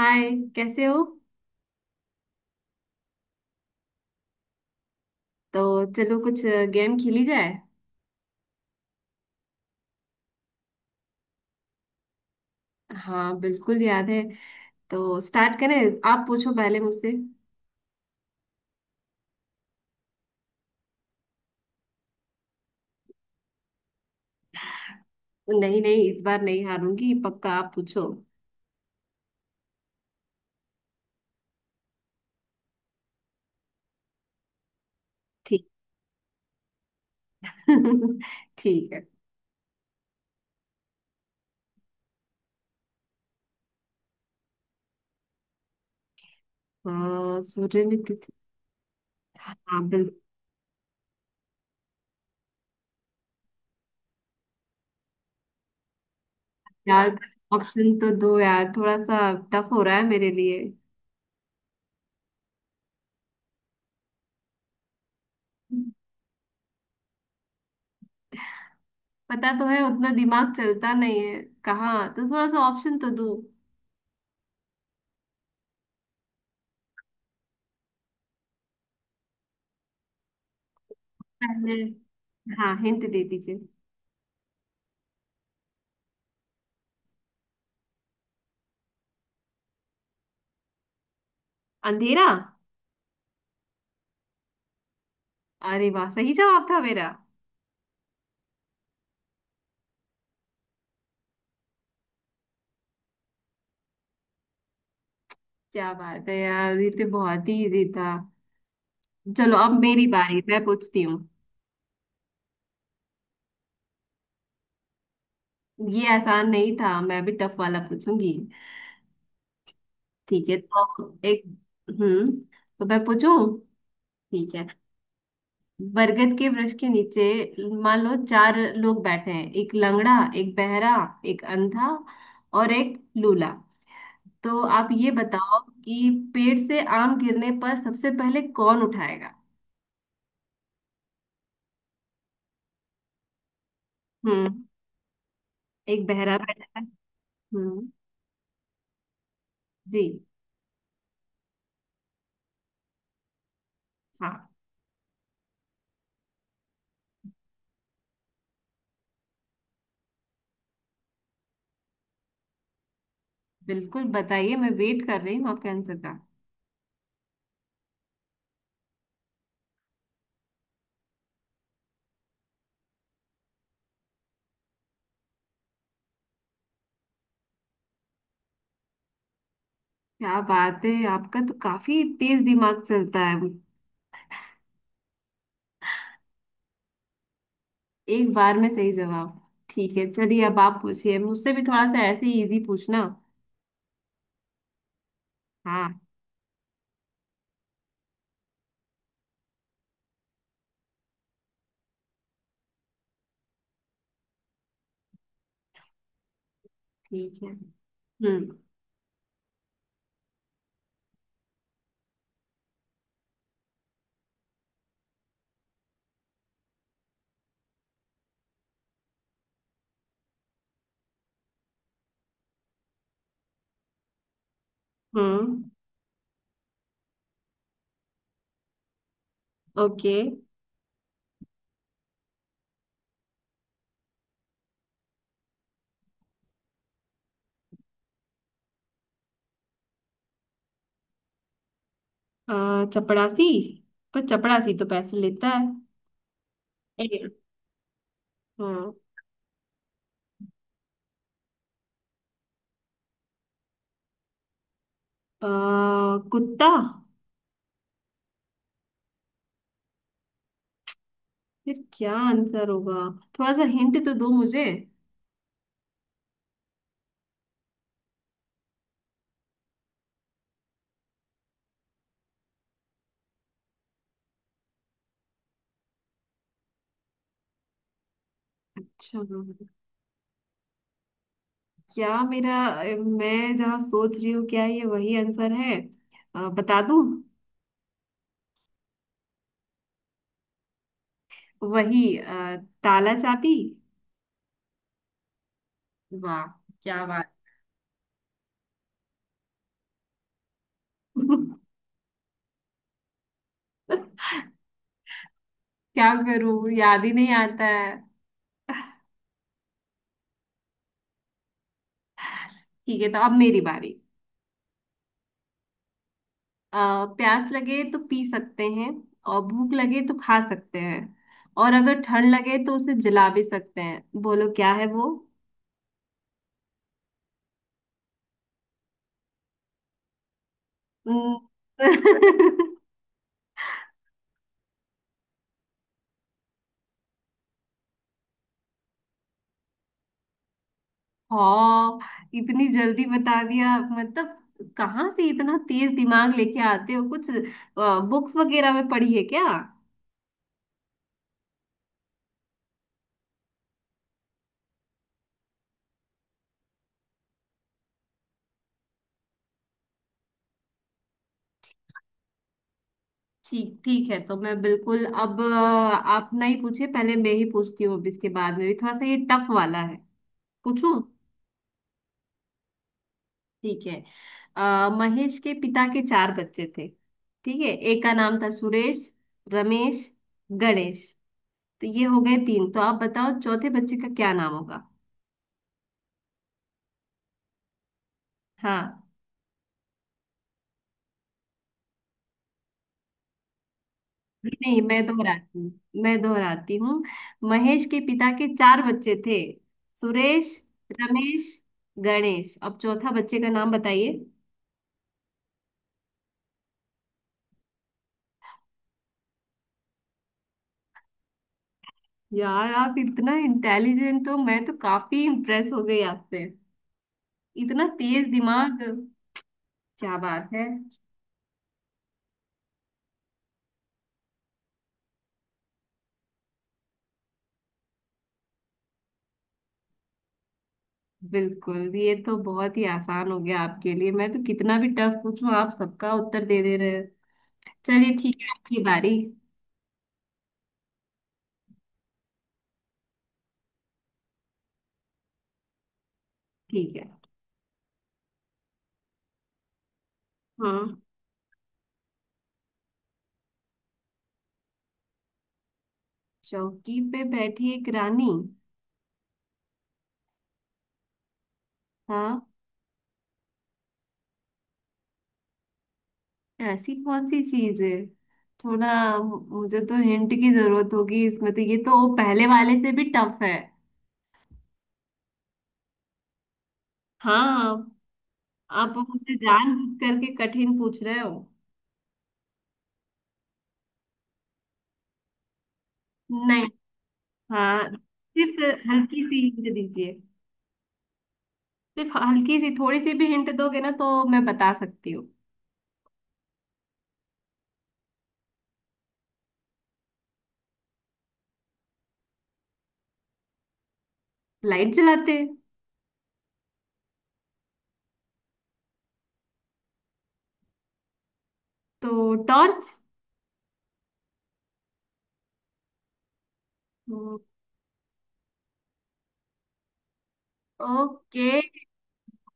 हाय। कैसे हो? तो चलो कुछ गेम खेली जाए। हाँ, बिल्कुल याद है। तो स्टार्ट करें? आप पूछो पहले मुझसे। नहीं नहीं, इस बार नहीं हारूंगी, पक्का। आप पूछो। ठीक, ठीक है। सूर्य ने पृथ्वी। हाँ, बिल्कुल। यार, ऑप्शन तो दो यार, थोड़ा सा टफ हो रहा है मेरे लिए। पता तो है, उतना दिमाग चलता नहीं है। कहाँ तो थोड़ा सा ऑप्शन तो दो। पहले। हाँ, हिंट दे दीजिए। अंधेरा। अरे वाह, सही जवाब था मेरा। क्या बात है यार, ये तो बहुत ही इजी था। चलो अब मेरी बारी, मैं पूछती हूँ। ये आसान नहीं था, मैं भी टफ वाला पूछूंगी। ठीक है, तो एक। हम्म, तो मैं पूछूं? ठीक है। बरगद के वृक्ष के नीचे मान लो चार लोग बैठे हैं। एक लंगड़ा, एक बहरा, एक अंधा और एक लूला। तो आप ये बताओ कि पेड़ से आम गिरने पर सबसे पहले कौन उठाएगा? हम्म। एक बहरा बैठा है। हम्म। जी। हाँ, बिल्कुल बताइए, मैं वेट कर रही हूँ आपके आंसर का। क्या बात है, आपका तो काफी तेज दिमाग चलता है। एक बार में सही जवाब। ठीक है, चलिए अब आप पूछिए, मुझसे भी थोड़ा सा ऐसे ही इजी पूछना। हाँ। ठीक है। हम्म। हम्म। ओके। चपड़ासी। पर चपड़ासी तो पैसे लेता है। ए, हाँ। आ, कुत्ता। फिर क्या आंसर होगा? थोड़ा सा हिंट तो दो मुझे। अच्छा, क्या मेरा? मैं जहाँ सोच रही हूँ, क्या ये वही आंसर है? बता दूँ? वही, ताला चाबी। वाह, क्या बात! क्या करूँ, याद ही नहीं आता है। ठीक है, तो अब मेरी बारी। अ, प्यास लगे तो पी सकते हैं, और भूख लगे तो खा सकते हैं, और अगर ठंड लगे तो उसे जला भी सकते हैं। बोलो क्या है वो? न- हाँ, इतनी जल्दी बता दिया, मतलब कहाँ से इतना तेज दिमाग लेके आते हो कुछ? बुक्स वगैरह में पढ़ी है क्या? ठीक, ठीक है। तो मैं बिल्कुल अब आप नहीं पूछे, पहले मैं ही पूछती हूँ। अब इसके बाद में भी थोड़ा सा ये टफ वाला है, पूछूं? ठीक है। महेश के पिता के चार बच्चे थे। ठीक है, एक का नाम था सुरेश, रमेश, गणेश। तो ये हो गए तीन, तो आप बताओ चौथे बच्चे का क्या नाम होगा? हाँ। नहीं, मैं दोहराती हूँ। महेश के पिता के चार बच्चे थे। सुरेश, रमेश, गणेश। अब चौथा बच्चे का नाम बताइए। यार आप इतना इंटेलिजेंट हो, मैं तो काफी इम्प्रेस हो गई आपसे। इतना तेज दिमाग, क्या बात है! बिल्कुल, ये तो बहुत ही आसान हो गया आपके लिए। मैं तो कितना भी टफ पूछूं, आप सबका उत्तर दे दे रहे हैं। चलिए ठीक है, आपकी बारी। ठीक है। हाँ। चौकी पे बैठी एक रानी। हाँ। ऐसी कौन सी चीज है? थोड़ा, मुझे तो हिंट की जरूरत होगी इसमें तो। ये तो पहले वाले से भी टफ है। हाँ, आप मुझसे जानबूझ करके कठिन पूछ रहे हो। नहीं। हाँ। सिर्फ हल्की सी हिंट दीजिए। सिर्फ हल्की सी, थोड़ी सी भी हिंट दोगे ना तो मैं बता सकती हूँ। लाइट जलाते हैं। तो टॉर्च। ओके।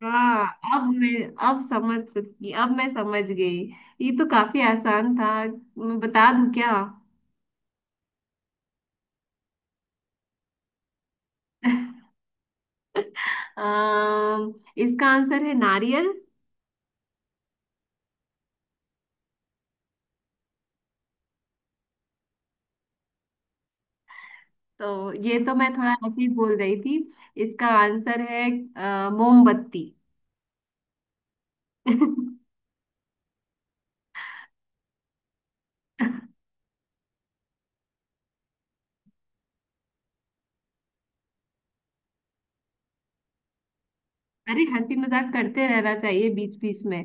हाँ। अब मैं, अब समझ सकती, अब मैं समझ गई। ये तो काफी आसान था। मैं बता दूं क्या? अम, इसका आंसर है नारियल। तो ये तो मैं थोड़ा ऐसे ही बोल रही थी। इसका आंसर है मोमबत्ती। अरे हंसी मजाक करते रहना चाहिए बीच बीच में।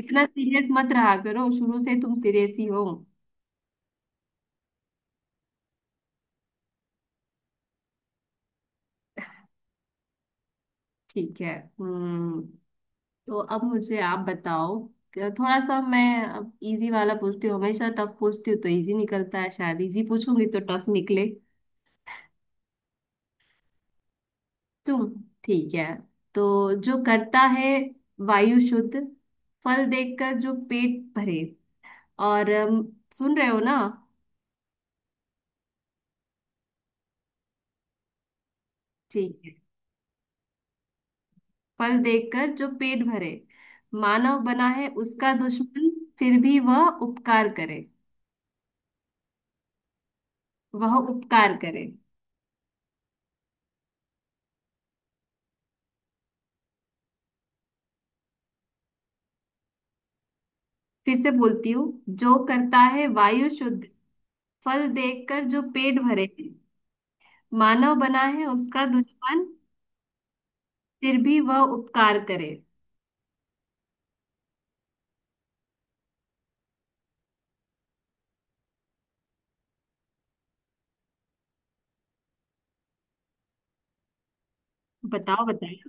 इतना सीरियस मत रहा करो, शुरू से तुम सीरियस ही हो। ठीक है। हम्म। तो अब मुझे आप बताओ। थोड़ा सा मैं अब इजी वाला पूछती हूँ। हमेशा टफ पूछती हूँ तो इजी निकलता है, शायद इजी पूछूंगी तो टफ निकले। तुम। ठीक है। तो जो करता है वायु शुद्ध, फल देखकर जो पेट भरे, और सुन रहे हो ना? ठीक है। फल देखकर जो पेट भरे, मानव बना है उसका दुश्मन, फिर भी वह उपकार करे। वह उपकार करे। फिर से बोलती हूँ। जो करता है वायु शुद्ध, फल देखकर जो पेट भरे, मानव बना है उसका दुश्मन, फिर भी वह उपकार करे। बताओ बताओ।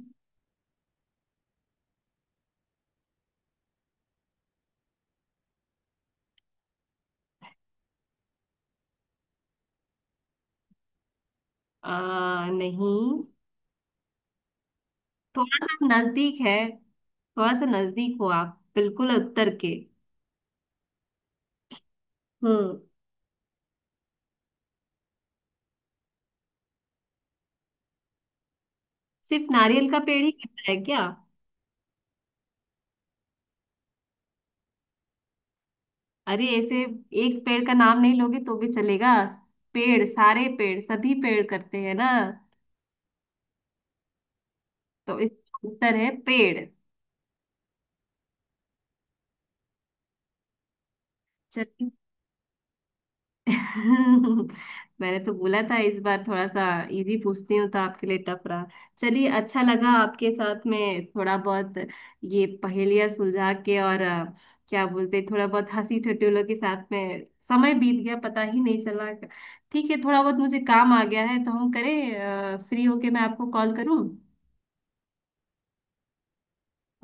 नहीं, थोड़ा सा नजदीक है। थोड़ा सा नजदीक हो आप बिल्कुल उत्तर के। हम्म। सिर्फ नारियल का पेड़ ही कटता है क्या? अरे ऐसे एक पेड़ का नाम नहीं लोगे तो भी चलेगा। पेड़, सारे पेड़, सभी पेड़ करते हैं ना। तो इसका उत्तर है पेड़। चलिए। मैंने तो बोला था इस बार थोड़ा सा इजी पूछती हूँ तो आपके लिए टफ रहा। चलिए, अच्छा लगा आपके साथ में थोड़ा बहुत ये पहेलियां सुलझा के, और क्या बोलते हैं, थोड़ा बहुत हंसी ठटोलों के साथ में समय बीत गया, पता ही नहीं चला। ठीक है, थोड़ा बहुत मुझे काम आ गया है, तो हम करें, फ्री होके मैं आपको कॉल करूँ।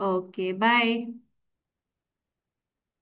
Okay, bye.